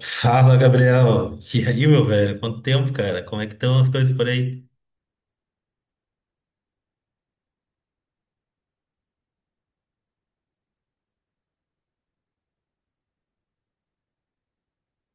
Fala, Gabriel. E aí, meu velho? Quanto tempo, cara? Como é que estão as coisas por aí?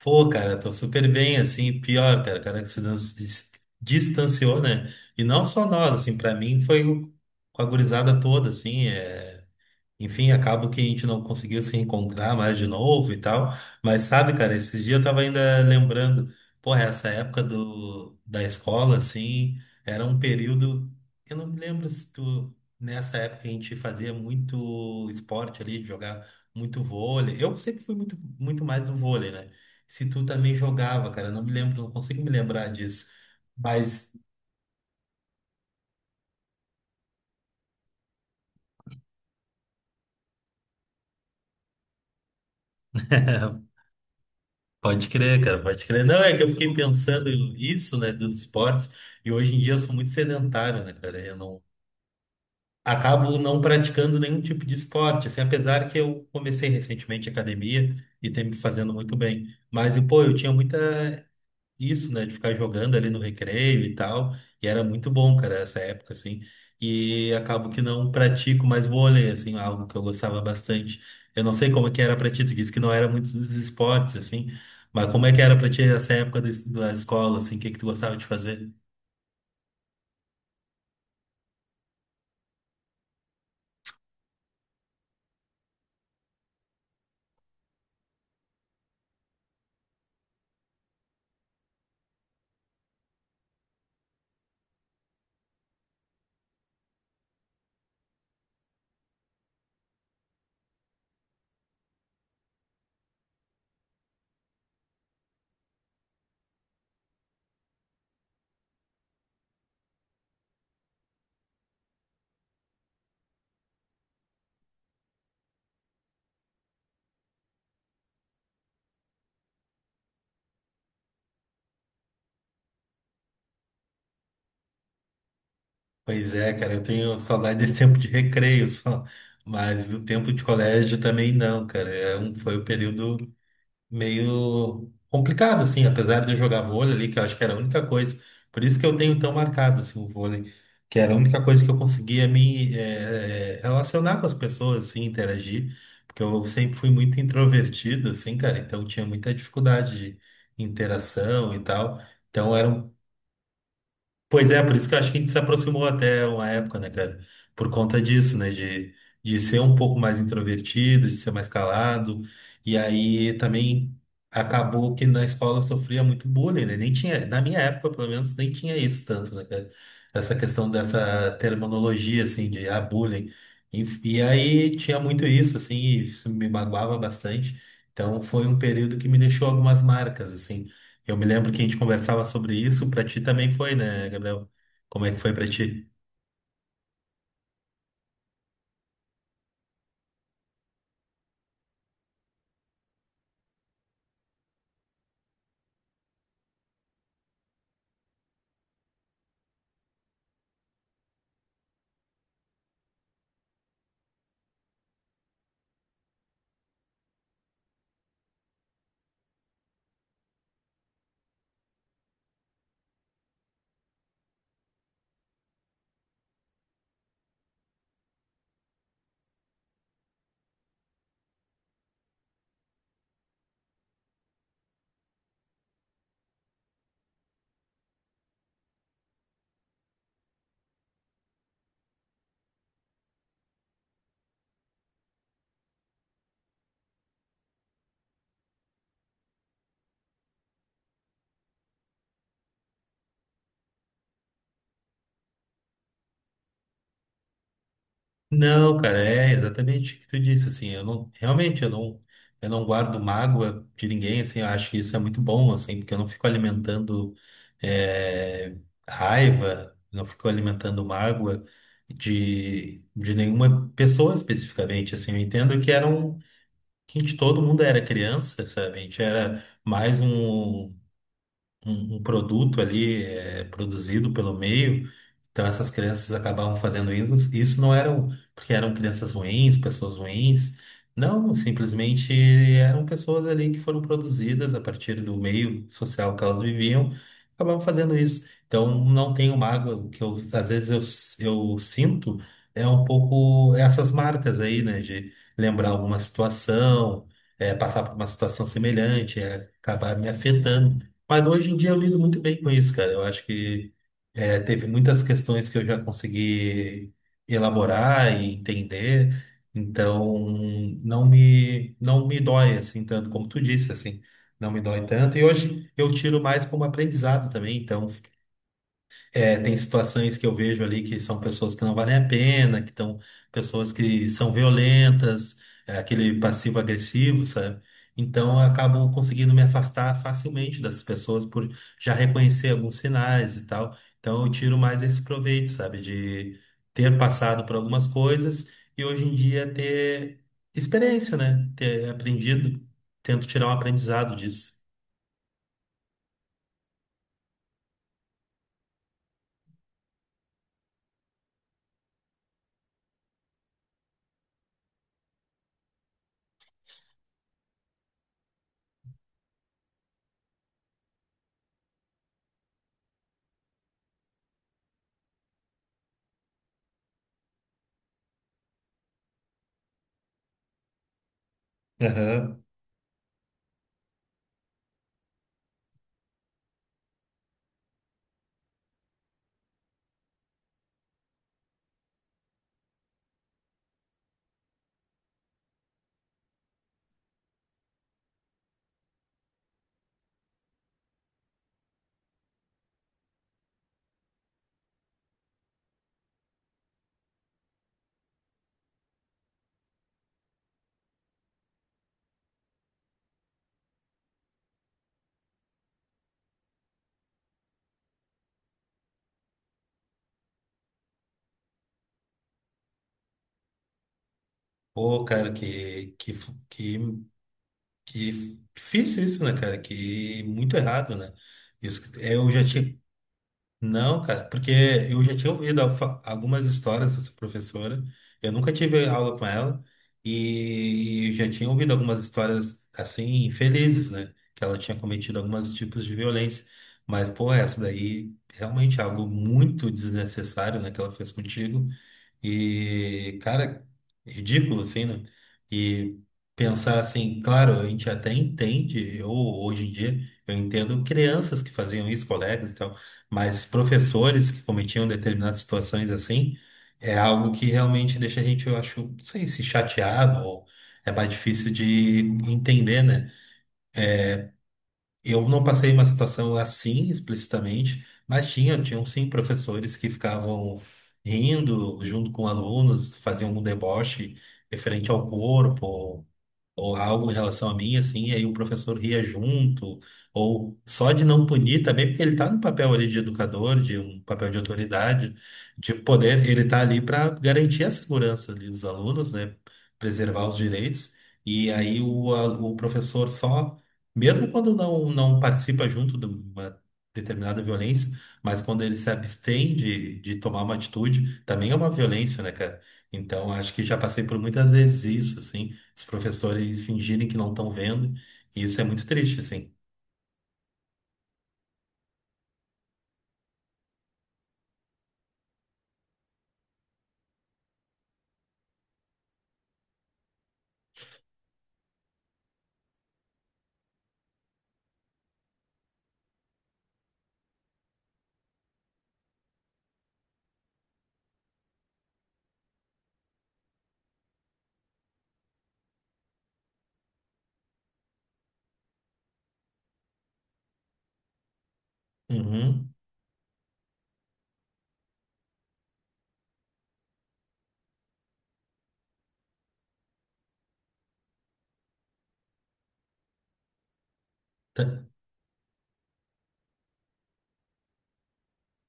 Pô, cara, tô super bem, assim, pior, cara, cara que se distanciou, né? E não só nós, assim, pra mim foi com a gurizada toda, assim, é. Enfim, acabo que a gente não conseguiu se encontrar mais de novo e tal. Mas sabe, cara, esses dias eu tava ainda lembrando, porra, essa época da escola, assim, era um período. Eu não me lembro se tu. Nessa época a gente fazia muito esporte ali, jogar muito vôlei. Eu sempre fui muito, muito mais do vôlei, né? Se tu também jogava, cara, eu não me lembro, não consigo me lembrar disso. Mas. Pode crer, cara, pode crer. Não, é que eu fiquei pensando isso, né, dos esportes, e hoje em dia eu sou muito sedentário, né, cara? Eu não acabo não praticando nenhum tipo de esporte, assim, apesar que eu comecei recentemente a academia e tem me fazendo muito bem. Mas, e, pô, eu tinha muita isso, né, de ficar jogando ali no recreio e tal, e era muito bom, cara, essa época, assim, e acabo que não pratico mais vôlei, assim, algo que eu gostava bastante. Eu não sei como é que era pra ti, tu disse que não era muito dos esportes, assim, mas como é que era pra ti essa época da, da escola, assim, o que que tu gostava de fazer? Pois é, cara, eu tenho saudade desse tempo de recreio só, mas do tempo de colégio também não, cara, é um, foi o período meio complicado, assim, apesar de eu jogar vôlei ali, que eu acho que era a única coisa. Por isso que eu tenho tão marcado, assim, o vôlei, que era a única coisa que eu conseguia me relacionar com as pessoas, assim, interagir, porque eu sempre fui muito introvertido, assim, cara, então tinha muita dificuldade de interação e tal. Então era um Pois é, por isso que eu acho que a gente se aproximou até uma época, né, cara? Por conta disso, né? De ser um pouco mais introvertido, de ser mais calado. E aí também acabou que na escola eu sofria muito bullying, né? Nem tinha, na minha época, pelo menos, nem tinha isso tanto, né, cara? Essa questão dessa terminologia, assim, de ah, bullying. E, e aí tinha muito isso, assim, e isso me magoava bastante. Então foi um período que me deixou algumas marcas, assim. Eu me lembro que a gente conversava sobre isso, pra ti também foi, né, Gabriel? Como é que foi pra ti? Não, cara, é exatamente o que tu disse, assim, eu não, realmente, eu não guardo mágoa de ninguém, assim, eu acho que isso é muito bom, assim, porque eu não fico alimentando é, raiva, não fico alimentando mágoa de nenhuma pessoa especificamente, assim, eu entendo que era um, que a gente, todo mundo era criança, sabe? A gente era mais um um produto ali é, produzido pelo meio. Então essas crianças acabavam fazendo isso. Isso não eram porque eram crianças ruins, pessoas ruins. Não, simplesmente eram pessoas ali que foram produzidas a partir do meio social que elas viviam, acabavam fazendo isso. Então não tenho mágoa, o que eu, às vezes eu sinto é um pouco essas marcas aí, né, de lembrar alguma situação, é, passar por uma situação semelhante, é, acabar me afetando. Mas hoje em dia eu lido muito bem com isso, cara. Eu acho que é, teve muitas questões que eu já consegui elaborar e entender, então não me dói assim tanto como tu disse assim, não me dói tanto. E hoje eu tiro mais como aprendizado também. Então é, tem situações que eu vejo ali que são pessoas que não valem a pena, que estão pessoas que são violentas, é, aquele passivo-agressivo, sabe? Então eu acabo conseguindo me afastar facilmente dessas pessoas por já reconhecer alguns sinais e tal. Então eu tiro mais esse proveito, sabe? De ter passado por algumas coisas e hoje em dia ter experiência, né? Ter aprendido. Tento tirar um aprendizado disso. Aham. Pô, cara, que que difícil isso, né, cara? Que muito errado, né? Isso eu já tinha. Não, cara, porque eu já tinha ouvido algumas histórias dessa professora. Eu nunca tive aula com ela e eu já tinha ouvido algumas histórias assim infelizes, né? Que ela tinha cometido alguns tipos de violência. Mas, pô, essa daí realmente é algo muito desnecessário, né? Que ela fez contigo. E, cara, ridículo, assim, né? E pensar assim, claro, a gente até entende, eu hoje em dia, eu entendo crianças que faziam isso, colegas e tal, mas professores que cometiam determinadas situações assim, é algo que realmente deixa a gente, eu acho, não sei se chateado ou é mais difícil de entender, né? Eu não passei uma situação assim explicitamente, mas tinham sim professores que ficavam rindo junto com alunos, faziam um deboche referente ao corpo, ou algo em relação a mim, assim, e aí o professor ria junto, ou só de não punir também, porque ele está no papel ali de educador, de um papel de autoridade, de poder, ele está ali para garantir a segurança ali dos alunos, né, preservar os direitos, e aí o professor só, mesmo quando não participa junto de uma determinada violência, mas quando ele se abstém de tomar uma atitude, também é uma violência, né, cara? Então, acho que já passei por muitas vezes isso, assim, os professores fingirem que não estão vendo, e isso é muito triste, assim. Uhum. Ta-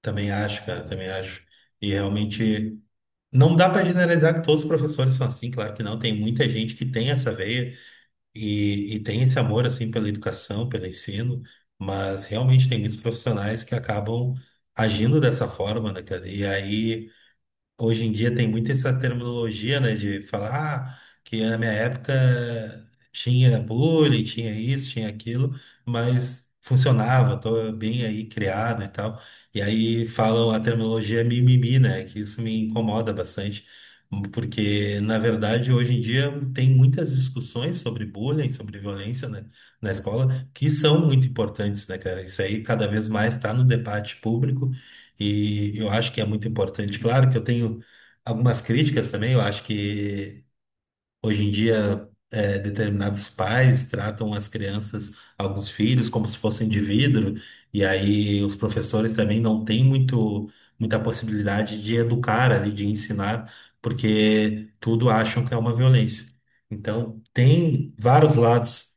Também acho, cara, também acho. E realmente não dá para generalizar que todos os professores são assim, claro que não. Tem muita gente que tem essa veia e tem esse amor, assim, pela educação, pelo ensino, mas realmente tem muitos profissionais que acabam agindo dessa forma, né, cara? E aí. Hoje em dia tem muito essa terminologia, né, de falar ah, que na minha época tinha bullying, tinha isso, tinha aquilo, mas funcionava, tô bem aí criado e tal. E aí falam a terminologia mimimi, né, que isso me incomoda bastante, porque na verdade hoje em dia tem muitas discussões sobre bullying, sobre violência, né, na escola, que são muito importantes, né, cara? Isso aí cada vez mais está no debate público e eu acho que é muito importante. Claro que eu tenho algumas críticas também. Eu acho que hoje em dia é, determinados pais tratam as crianças, alguns filhos, como se fossem de vidro. E aí os professores também não têm muito, muita possibilidade de educar ali, de ensinar, porque tudo acham que é uma violência. Então tem vários lados.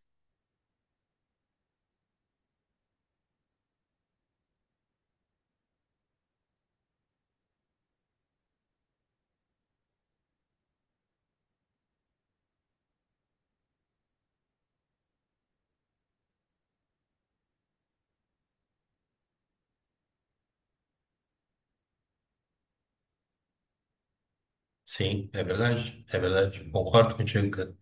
Sim, é verdade. É verdade. Concordo contigo, cara.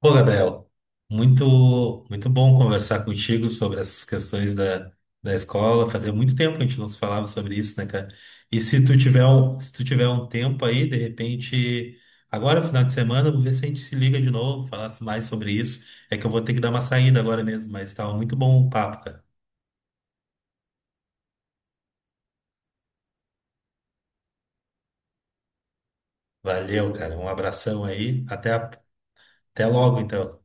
Pô, Gabriel, muito, muito bom conversar contigo sobre essas questões da, da escola. Fazia muito tempo que a gente não se falava sobre isso, né, cara? E se tu tiver um, se tu tiver um tempo aí, de repente, agora, final de semana, eu vou ver se a gente se liga de novo, falasse mais sobre isso. É que eu vou ter que dar uma saída agora mesmo, mas estava muito bom o papo, cara. Valeu, cara. Um abração aí. Até logo, então.